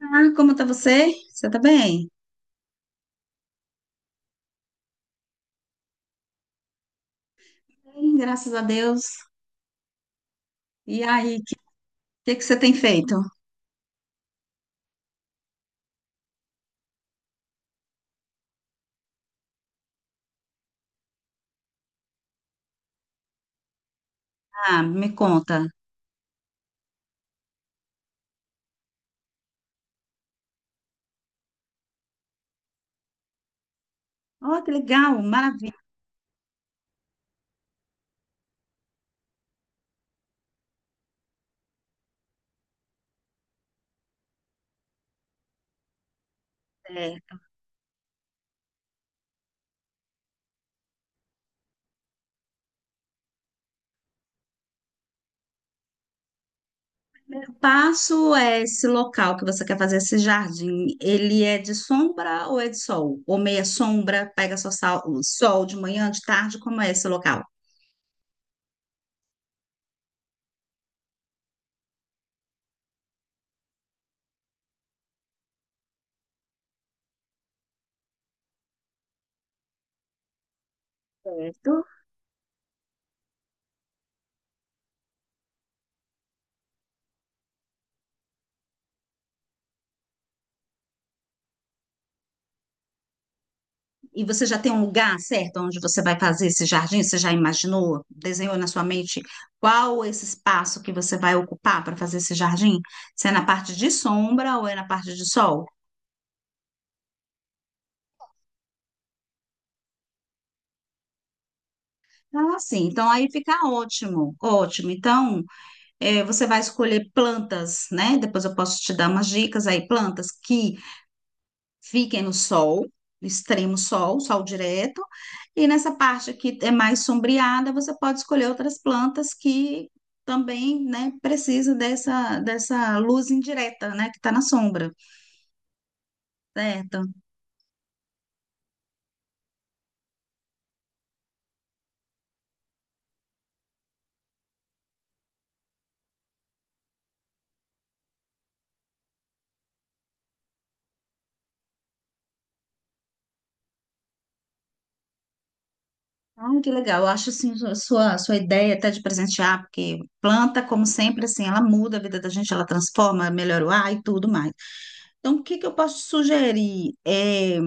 Ah, como tá você? Você tá bem? Bem, graças a Deus. E aí, que você tem feito? Ah, me conta. Oh, que legal, maravilha. É, eu passo é esse local que você quer fazer, esse jardim, ele é de sombra ou é de sol? Ou meia sombra, pega só sol de manhã, de tarde, como é esse local? Certo. E você já tem um lugar certo onde você vai fazer esse jardim? Você já imaginou, desenhou na sua mente qual esse espaço que você vai ocupar para fazer esse jardim? Se é na parte de sombra ou é na parte de sol? Ah, sim. Então aí fica ótimo, ótimo. Então você vai escolher plantas, né? Depois eu posso te dar umas dicas aí, plantas que fiquem no sol, no extremo sol, sol direto, e nessa parte que é mais sombreada, você pode escolher outras plantas que também, né, precisa dessa, dessa luz indireta, né, que está na sombra, certo? Ah, que legal, eu acho, assim, a sua ideia até de presentear, porque planta, como sempre, assim, ela muda a vida da gente, ela transforma, melhora o ar e tudo mais. Então, o que que eu posso sugerir? É,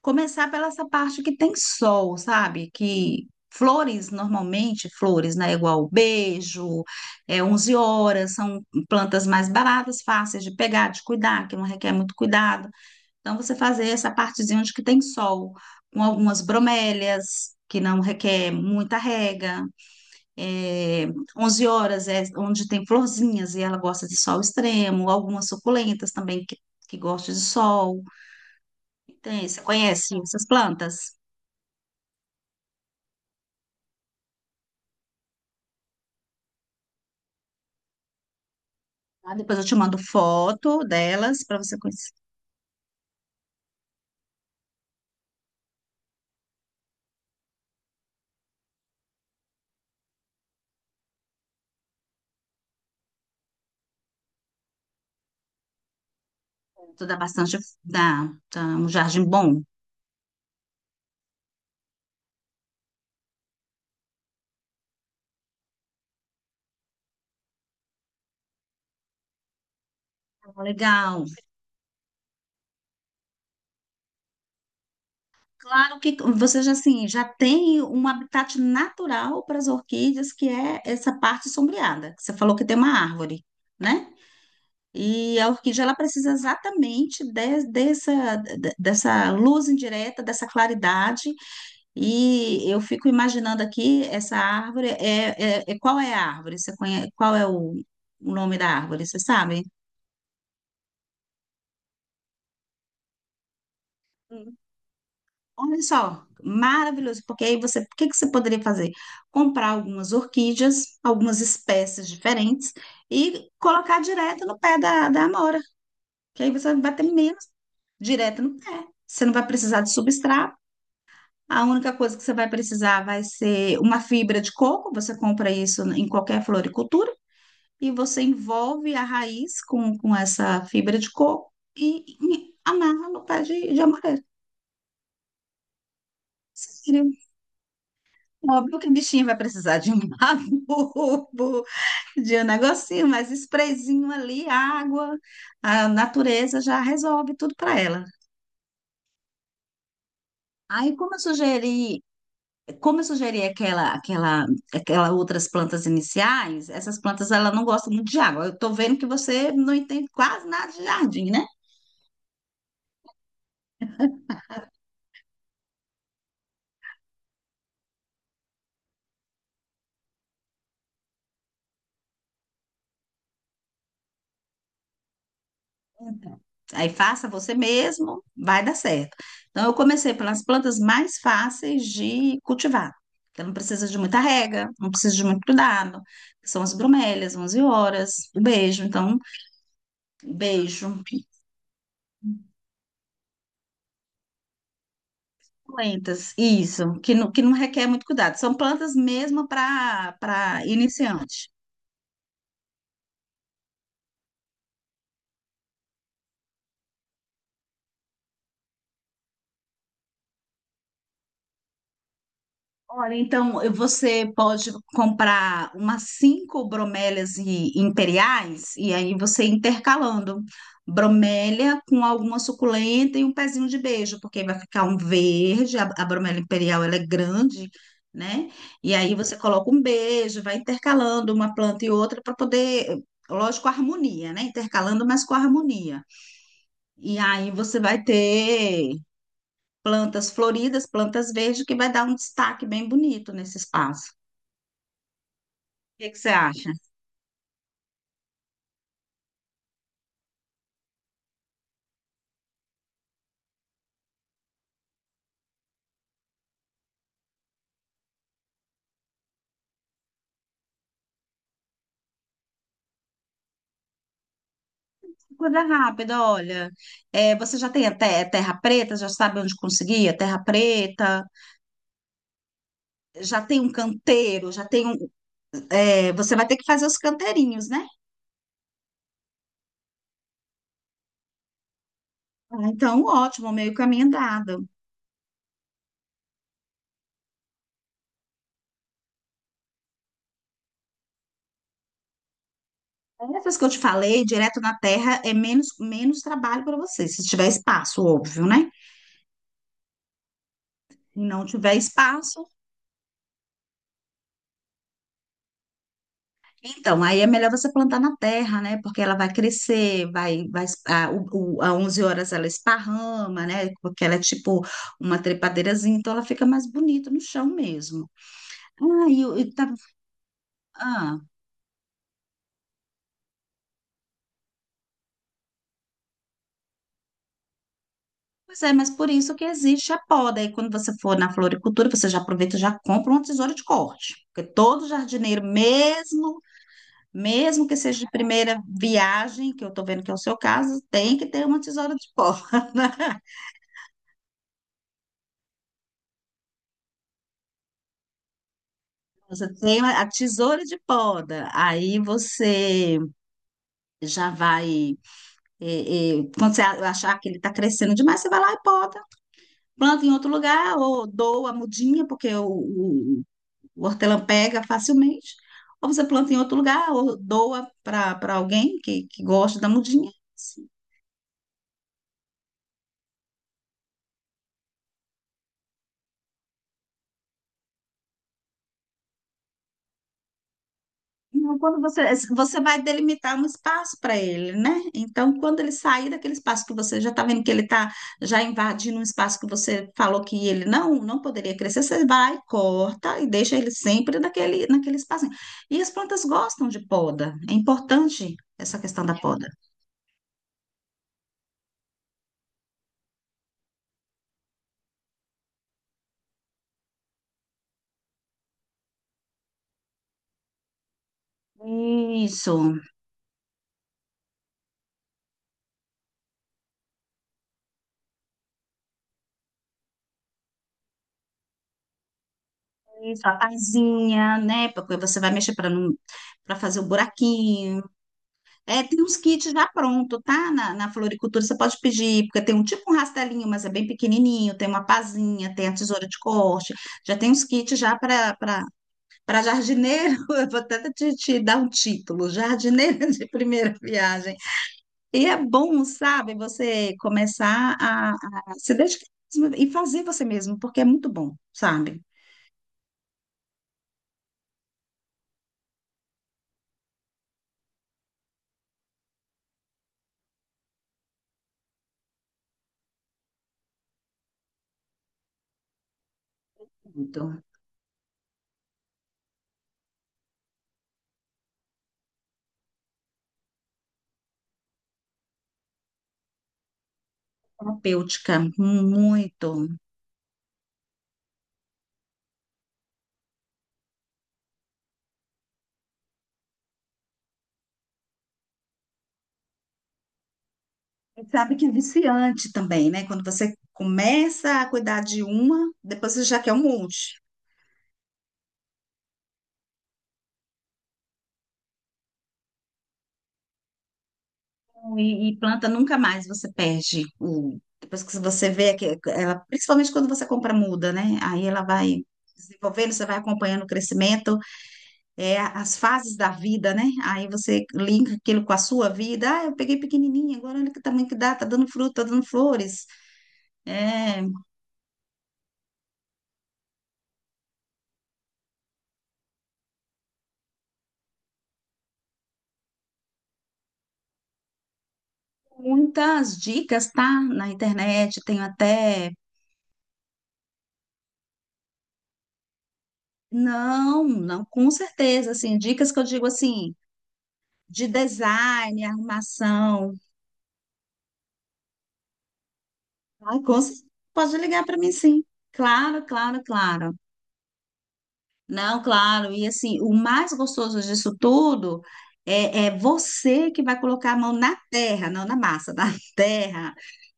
começar pela essa parte que tem sol, sabe? Que flores, normalmente, flores, né? Igual beijo, é 11 horas, são plantas mais baratas, fáceis de pegar, de cuidar, que não requer muito cuidado. Então, você fazer essa partezinha onde que tem sol, com algumas bromélias, que não requer muita rega. É, 11 horas é onde tem florzinhas e ela gosta de sol extremo, algumas suculentas também que gostam de sol. Tem, você conhece essas plantas? Tá? Depois eu te mando foto delas para você conhecer. Tu dá bastante, dá, tá um jardim bom. Ah, legal. Claro que você já assim, já tem um habitat natural para as orquídeas, que é essa parte sombreada, que você falou que tem uma árvore, né? E a orquídea ela precisa exatamente dessa dessa luz indireta, dessa claridade. E eu fico imaginando aqui, essa árvore, qual é a árvore? Você conhece, qual é o nome da árvore? Você sabe? Hum. Olha só, maravilhoso, porque aí você, o que que você poderia fazer? Comprar algumas orquídeas, algumas espécies diferentes e colocar direto no pé da amora, que aí você vai ter menos direto no pé. Você não vai precisar de substrato. A única coisa que você vai precisar vai ser uma fibra de coco, você compra isso em qualquer floricultura e você envolve a raiz com essa fibra de coco e amarra no pé de amarelo. Sério. Óbvio que a bichinha vai precisar de um adubo, de um negocinho, mas sprayzinho ali, água, a natureza já resolve tudo para ela. Aí, como eu sugeri aquela outras plantas iniciais, essas plantas ela não gostam muito de água. Eu estou vendo que você não entende quase nada de jardim, né? Aí faça você mesmo, vai dar certo. Então, eu comecei pelas plantas mais fáceis de cultivar, que não precisa de muita rega, não precisa de muito cuidado, que são as bromélias, 11 horas, o beijo. Então, beijo, plantas, isso, que não requer muito cuidado. São plantas mesmo para iniciante. Olha, então você pode comprar umas cinco bromélias imperiais e aí você intercalando bromélia com alguma suculenta e um pezinho de beijo, porque vai ficar um verde, a bromélia imperial ela é grande, né? E aí você coloca um beijo, vai intercalando uma planta e outra para poder, lógico, harmonia, né? Intercalando, mas com harmonia. E aí você vai ter plantas floridas, plantas verdes, que vai dar um destaque bem bonito nesse espaço. O que é que você acha? Coisa rápida, olha. É, você já tem até terra preta, já sabe onde conseguir a terra preta, já tem um canteiro, já tem um. É, você vai ter que fazer os canteirinhos, né? Ah, então, ótimo, meio caminho andado. Essas que eu te falei, direto na terra, é menos, menos trabalho para você, se tiver espaço, óbvio, né? Se não tiver espaço, então, aí é melhor você plantar na terra, né? Porque ela vai crescer, vai, a 11 horas ela esparrama, né? Porque ela é tipo uma trepadeirazinha, então ela fica mais bonita no chão mesmo. Ah, e e tá, ah, pois é, mas por isso que existe a poda. Aí quando você for na floricultura, você já aproveita e já compra uma tesoura de corte. Porque todo jardineiro, mesmo que seja de primeira viagem, que eu tô vendo que é o seu caso, tem que ter uma tesoura de poda. Você tem a tesoura de poda, aí você já vai. Quando você achar que ele está crescendo demais, você vai lá e poda, planta em outro lugar, ou doa a mudinha, porque o hortelã pega facilmente, ou você planta em outro lugar, ou doa para alguém que gosta da mudinha. Não, quando você vai delimitar um espaço para ele, né? Então, quando ele sair daquele espaço que você já está vendo que ele está já invadindo um espaço que você falou que ele não não poderia crescer, você vai, corta e deixa ele sempre naquele, naquele espacinho. E as plantas gostam de poda. É importante essa questão da poda. Isso, isso, a pazinha, né? Porque você vai mexer para não, para fazer o buraquinho. É, tem uns kits já pronto, tá? Na floricultura você pode pedir, porque tem um tipo um rastelinho, mas é bem pequenininho, tem uma pazinha, tem a tesoura de corte, já tem uns kits já para jardineiro, eu vou até te dar um título, jardineiro de primeira viagem. E é bom, sabe, você começar a se dedicar mesmo e fazer você mesmo, porque é muito bom, sabe? Muito terapêutica, muito. Você sabe que é viciante também, né? Quando você começa a cuidar de uma, depois você já quer um monte. E planta nunca mais você perde o. Depois que você vê que ela, principalmente quando você compra muda, né? Aí ela vai desenvolvendo, você vai acompanhando o crescimento, as fases da vida, né? Aí você linka aquilo com a sua vida. Ah, eu peguei pequenininha, agora olha que tamanho que dá, tá dando fruta, tá dando flores. É, muitas dicas, tá? Na internet, tenho até. Não, não, com certeza, assim, dicas que eu digo assim, de design, arrumação, ai, com certeza, pode ligar para mim sim. Claro, claro, claro. Não, claro, e assim, o mais gostoso disso tudo é você que vai colocar a mão na terra, não na massa, na terra,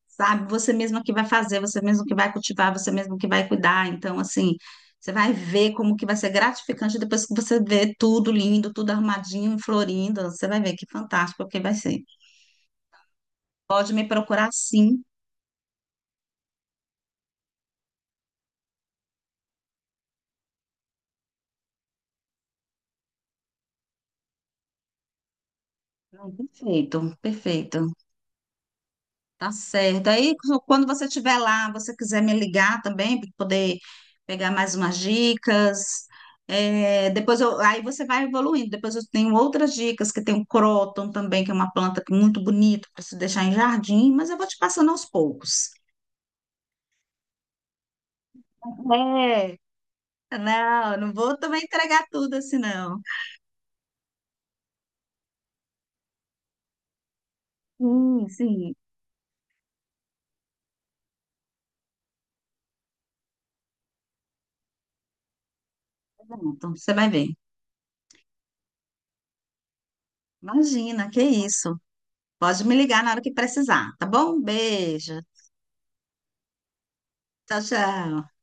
sabe? Você mesmo que vai fazer, você mesmo que vai cultivar, você mesmo que vai cuidar. Então, assim, você vai ver como que vai ser gratificante depois que você vê tudo lindo, tudo arrumadinho, florindo. Você vai ver que fantástico que vai ser. Pode me procurar, sim. Não, perfeito, perfeito. Tá certo. Aí, quando você estiver lá, você quiser me ligar também para poder pegar mais umas dicas. É, depois eu, aí você vai evoluindo. Depois eu tenho outras dicas, que tem o croton também, que é uma planta que é muito bonita para se deixar em jardim, mas eu vou te passando aos poucos. É. Não, não vou também entregar tudo assim, não. Sim, sim. Pronto, você vai ver. Imagina, que isso. Pode me ligar na hora que precisar, tá bom? Beijo. Tchau, tchau.